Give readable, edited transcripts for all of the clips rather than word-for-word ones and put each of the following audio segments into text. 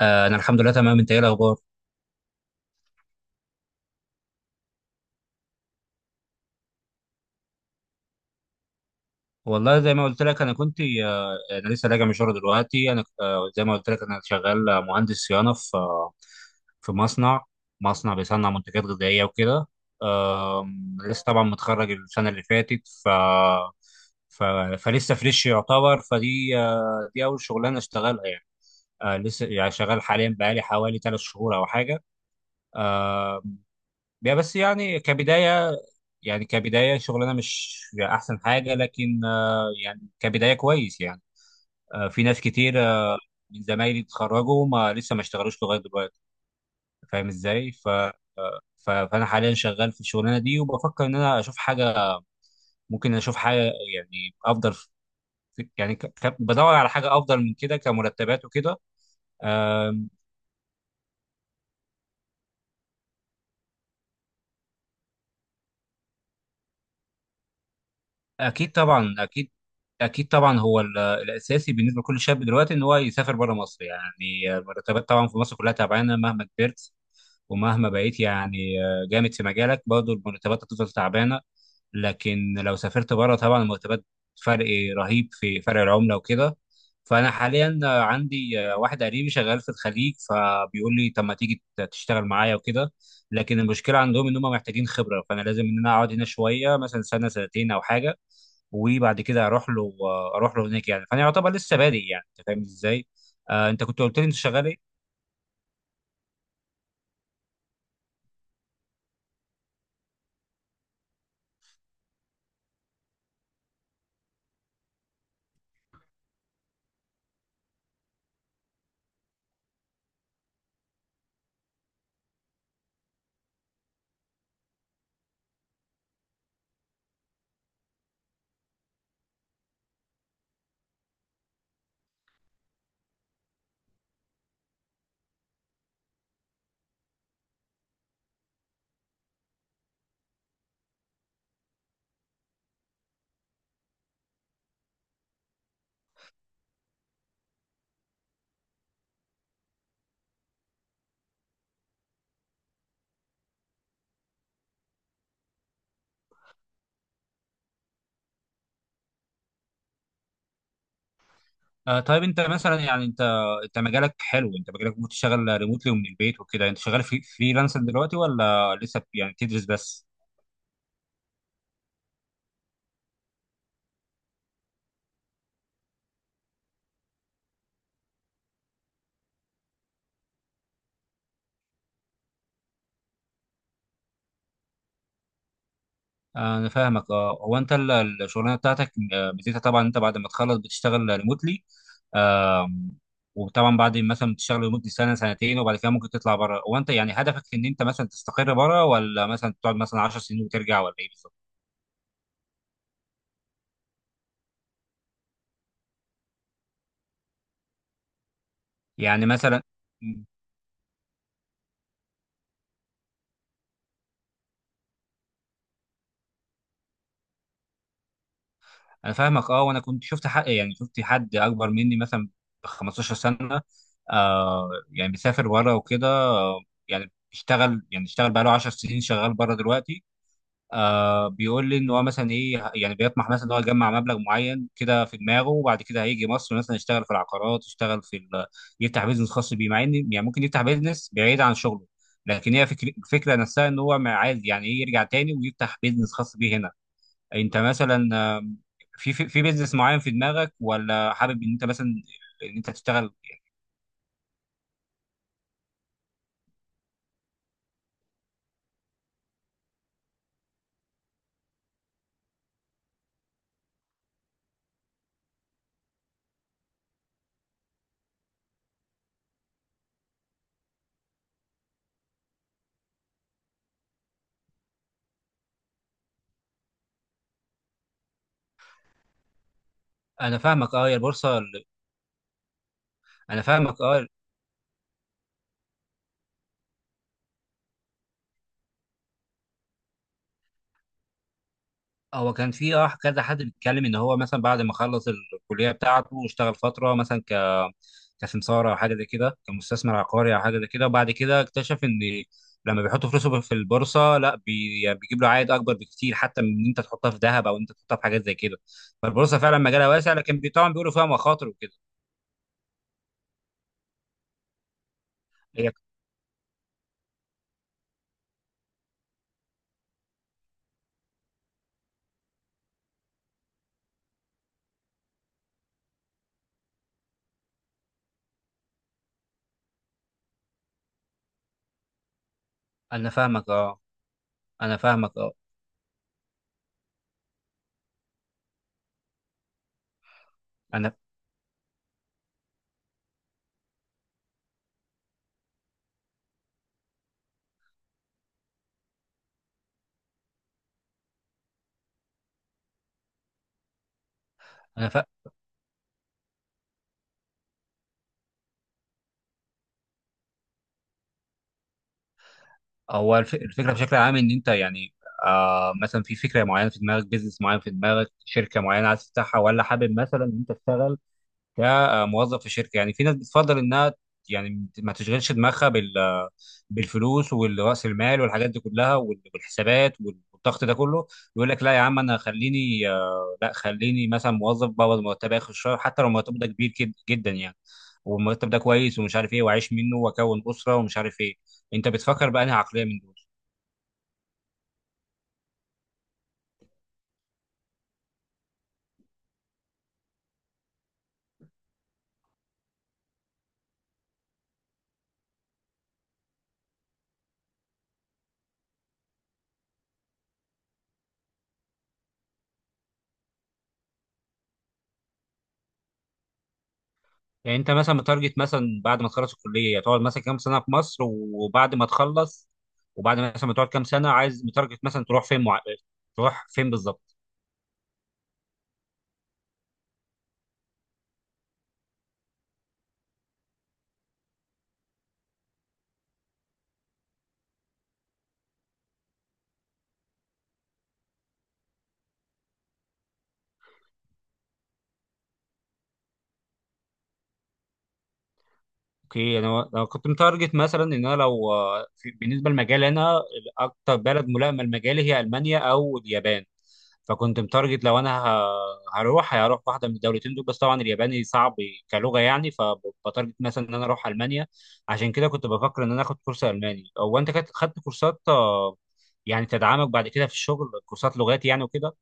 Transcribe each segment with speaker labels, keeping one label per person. Speaker 1: انا الحمد لله تمام. انت ايه الاخبار؟ والله زي ما قلت لك انا كنت انا لسه راجع من الشغل دلوقتي. انا زي ما قلت لك انا شغال مهندس صيانه في مصنع بيصنع منتجات غذائيه وكده. لسه طبعا متخرج السنه اللي فاتت. ف ف فلسه فريش يعتبر. فدي آه، دي اول شغلانه اشتغلها يعني. لسه يعني شغال حاليا بقالي حوالي 3 شهور او حاجه. آه، يا بس يعني كبداية شغلنا مش أحسن حاجة، لكن يعني كبداية كويس يعني. في ناس كتير من زمايلي اتخرجوا ما لسه ما اشتغلوش لغاية دلوقتي، فاهم ازاي؟ فأنا حاليا شغال في الشغلانة دي، وبفكر إن أنا أشوف حاجة، ممكن أشوف حاجة يعني أفضل، في يعني بدور على حاجة أفضل من كده كمرتبات وكده. آه، اكيد طبعا، اكيد، اكيد طبعا. هو الاساسي بالنسبه لكل شاب دلوقتي ان هو يسافر بره مصر. يعني المرتبات طبعا في مصر كلها تعبانه مهما كبرت، ومهما بقيت يعني جامد في مجالك، برضه المرتبات هتفضل تعبانه. لكن لو سافرت بره طبعا المرتبات فرق، رهيب في فرق العمله وكده. فانا حاليا عندي واحد قريبي شغال في الخليج، فبيقول لي طب ما تيجي تشتغل معايا وكده. لكن المشكله عندهم ان هم محتاجين خبره، فانا لازم ان انا اقعد هنا شويه مثلا سنه سنتين او حاجه وبعد كده اروح له. اروح له هناك يعني، فانا يعتبر لسه بادئ يعني. انت فاهم ازاي؟ انت كنت قلت لي انت شغال ايه؟ طيب انت مثلا يعني انت مجالك حلو، انت مجالك ممكن تشتغل ريموتلي ومن البيت وكده. انت شغال في فريلانسر دلوقتي ولا لسه يعني بتدرس بس؟ انا فاهمك. اه، هو انت الشغلانه بتاعتك ميزتها طبعا انت بعد ما تخلص بتشتغل ريموتلي. آه وطبعا بعد مثلا تشتغل لمده سنه سنتين، وبعد كده ممكن تطلع بره. هو انت يعني هدفك ان انت مثلا تستقر بره، ولا مثلا تقعد مثلا 10 سنين وترجع، ولا ايه بالظبط؟ يعني مثلا. مم. انا فاهمك. اه، وانا كنت شفت حق، يعني شفت حد اكبر مني مثلا ب 15 سنه. يعني بيسافر بره وكده. يعني بيشتغل، يعني اشتغل بقاله 10 سنين شغال بره دلوقتي. بيقول لي ان هو مثلا ايه، يعني بيطمح مثلا ان هو يجمع مبلغ معين كده في دماغه، وبعد كده هيجي مصر مثلا يشتغل في العقارات، يشتغل في يفتح بيزنس خاص بيه، مع ان يعني ممكن يفتح بيزنس بعيد عن شغله. لكن الفكره نفسها ان هو ما عايز يعني ايه، يرجع تاني ويفتح بيزنس خاص بيه هنا. انت مثلا في بيزنس معين في دماغك، ولا حابب ان انت مثلا ان انت تشتغل؟ انا فاهمك. اه، يا البورصه. انا فاهمك. اه، هو كان في كذا حد بيتكلم ان هو مثلا بعد ما خلص الكليه بتاعته واشتغل فتره مثلا كسمساره او حاجه زي كده، كمستثمر عقاري او حاجه زي كده. وبعد كده اكتشف ان لما بيحط فلوسه في البورصه، لا بي يعني بيجيب له عائد اكبر بكتير، حتى من ان انت تحطها في ذهب، او ان انت تحطها في حاجات زي كده. فالبورصه فعلا مجالها واسع، لكن طبعا بيقولوا فيها مخاطر وكده. هي، انا فاهمك. اه، انا فاهمك. اه، انا انا فا... هو الفكره بشكل عام ان انت يعني مثلا في فكره معينه في دماغك، بيزنس معين في دماغك، شركه معينه عايز تفتحها، ولا حابب مثلا ان انت تشتغل كموظف في شركه. يعني في ناس بتفضل انها يعني ما تشغلش دماغها بالفلوس والرأس المال والحاجات دي كلها، والحسابات والضغط ده كله. يقول لك لا يا عم، انا خليني لا خليني مثلا موظف بقبض مرتب اخر الشهر، حتى لو مرتب ده كبير جدا يعني، والمرتب ده كويس ومش عارف ايه، واعيش منه واكون اسره ومش عارف ايه. انت بتفكر بقى انهي عقليه من دول؟ يعني انت مثلا متارجت مثلا بعد ما تخلص الكليه تقعد مثلا كام سنه في مصر، وبعد ما تخلص، وبعد مثلا ما تقعد كام سنه عايز متارجت مثلا تروح فين بالظبط؟ اوكي. انا لو كنت متارجت مثلا ان انا، لو بالنسبه لمجال انا، اكتر بلد ملائمه لمجالي هي المانيا او اليابان. فكنت متارجت لو انا هروح واحده من الدولتين دول، بس طبعا الياباني صعب كلغه يعني. فبتارجت مثلا ان انا اروح المانيا. عشان كده كنت بفكر ان انا اخد كورس الماني. هو انت خدت كورسات يعني تدعمك بعد كده في الشغل، كورسات لغات يعني وكده؟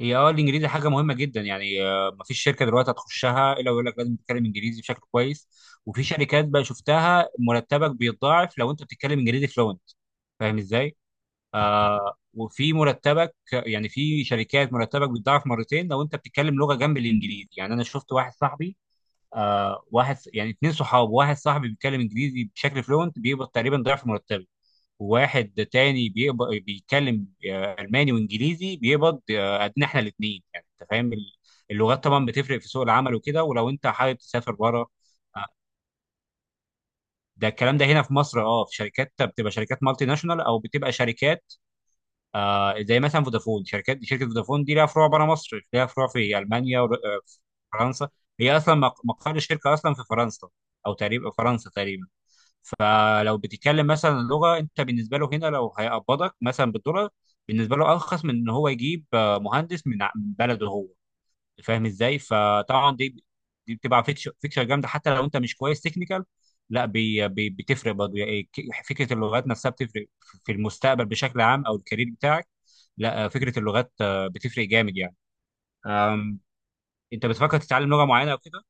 Speaker 1: هي، اه الانجليزي حاجه مهمه جدا يعني. ما فيش شركه دلوقتي هتخشها الا ويقول لك لازم تتكلم انجليزي بشكل كويس. وفي شركات بقى شفتها مرتبك بيتضاعف لو انت بتتكلم انجليزي فلوينت، فاهم ازاي؟ وفي مرتبك يعني، في شركات مرتبك بيتضاعف مرتين لو انت بتتكلم لغه جنب الانجليزي. يعني انا شفت واحد صاحبي، واحد يعني 2 صحاب. واحد صاحبي بيتكلم انجليزي بشكل فلوينت بيقبض تقريبا ضعف مرتبه، وواحد تاني بيقبض بيتكلم الماني وانجليزي بيقبض قدنا احنا الاثنين. يعني انت فاهم، اللغات طبعا بتفرق في سوق العمل وكده، ولو انت حابب تسافر بره. آه، ده الكلام ده هنا في مصر. اه في شركات بتبقى شركات مالتي ناشونال، او بتبقى شركات زي مثلا فودافون. شركه فودافون دي لها فروع بره مصر، لها فروع في المانيا وفرنسا. هي اصلا مقر الشركه اصلا في فرنسا، او تقريبا فرنسا تقريبا. فلو بتتكلم مثلا لغه، انت بالنسبه له هنا لو هيقبضك مثلا بالدولار، بالنسبه له ارخص من ان هو يجيب مهندس من من بلده هو، فاهم ازاي؟ فطبعا دي بتبقى فيكشر، فيكشر جامده، حتى لو انت مش كويس تكنيكال. لا، بي بي بتفرق برضه يعني. فكره اللغات نفسها بتفرق في المستقبل بشكل عام او الكارير بتاعك. لا، فكره اللغات بتفرق جامد يعني. آم، انت بتفكر تتعلم لغه معينه او كده؟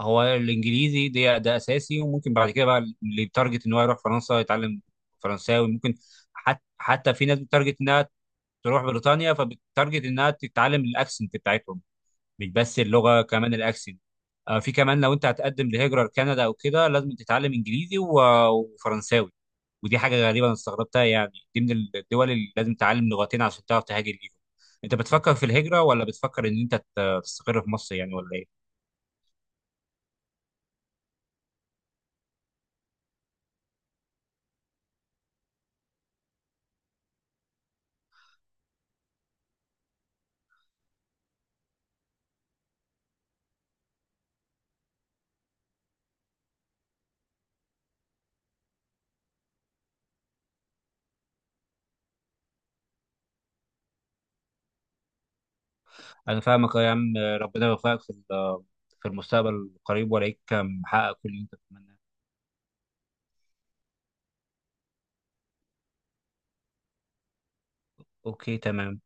Speaker 1: هو الانجليزي ده اساسي، وممكن بعد كده بقى اللي يتارجت ان هو يروح فرنسا يتعلم فرنساوي، ممكن. حتى في ناس بتارجت انها تروح بريطانيا، فبتارجت انها تتعلم الاكسنت بتاعتهم، مش بس اللغه كمان الاكسنت. في كمان لو انت هتقدم لهجره لكندا او كده لازم تتعلم انجليزي وفرنساوي. ودي حاجه غريبه انا استغربتها يعني، دي من الدول اللي لازم تتعلم لغتين عشان تعرف تهاجر ليهم. انت بتفكر في الهجره، ولا بتفكر ان انت تستقر في مصر يعني، ولا ايه؟ انا فاهمك. أه يا عم، ربنا يوفقك في المستقبل القريب، والاقيك محقق كل اللي انت بتتمناه. اوكي تمام.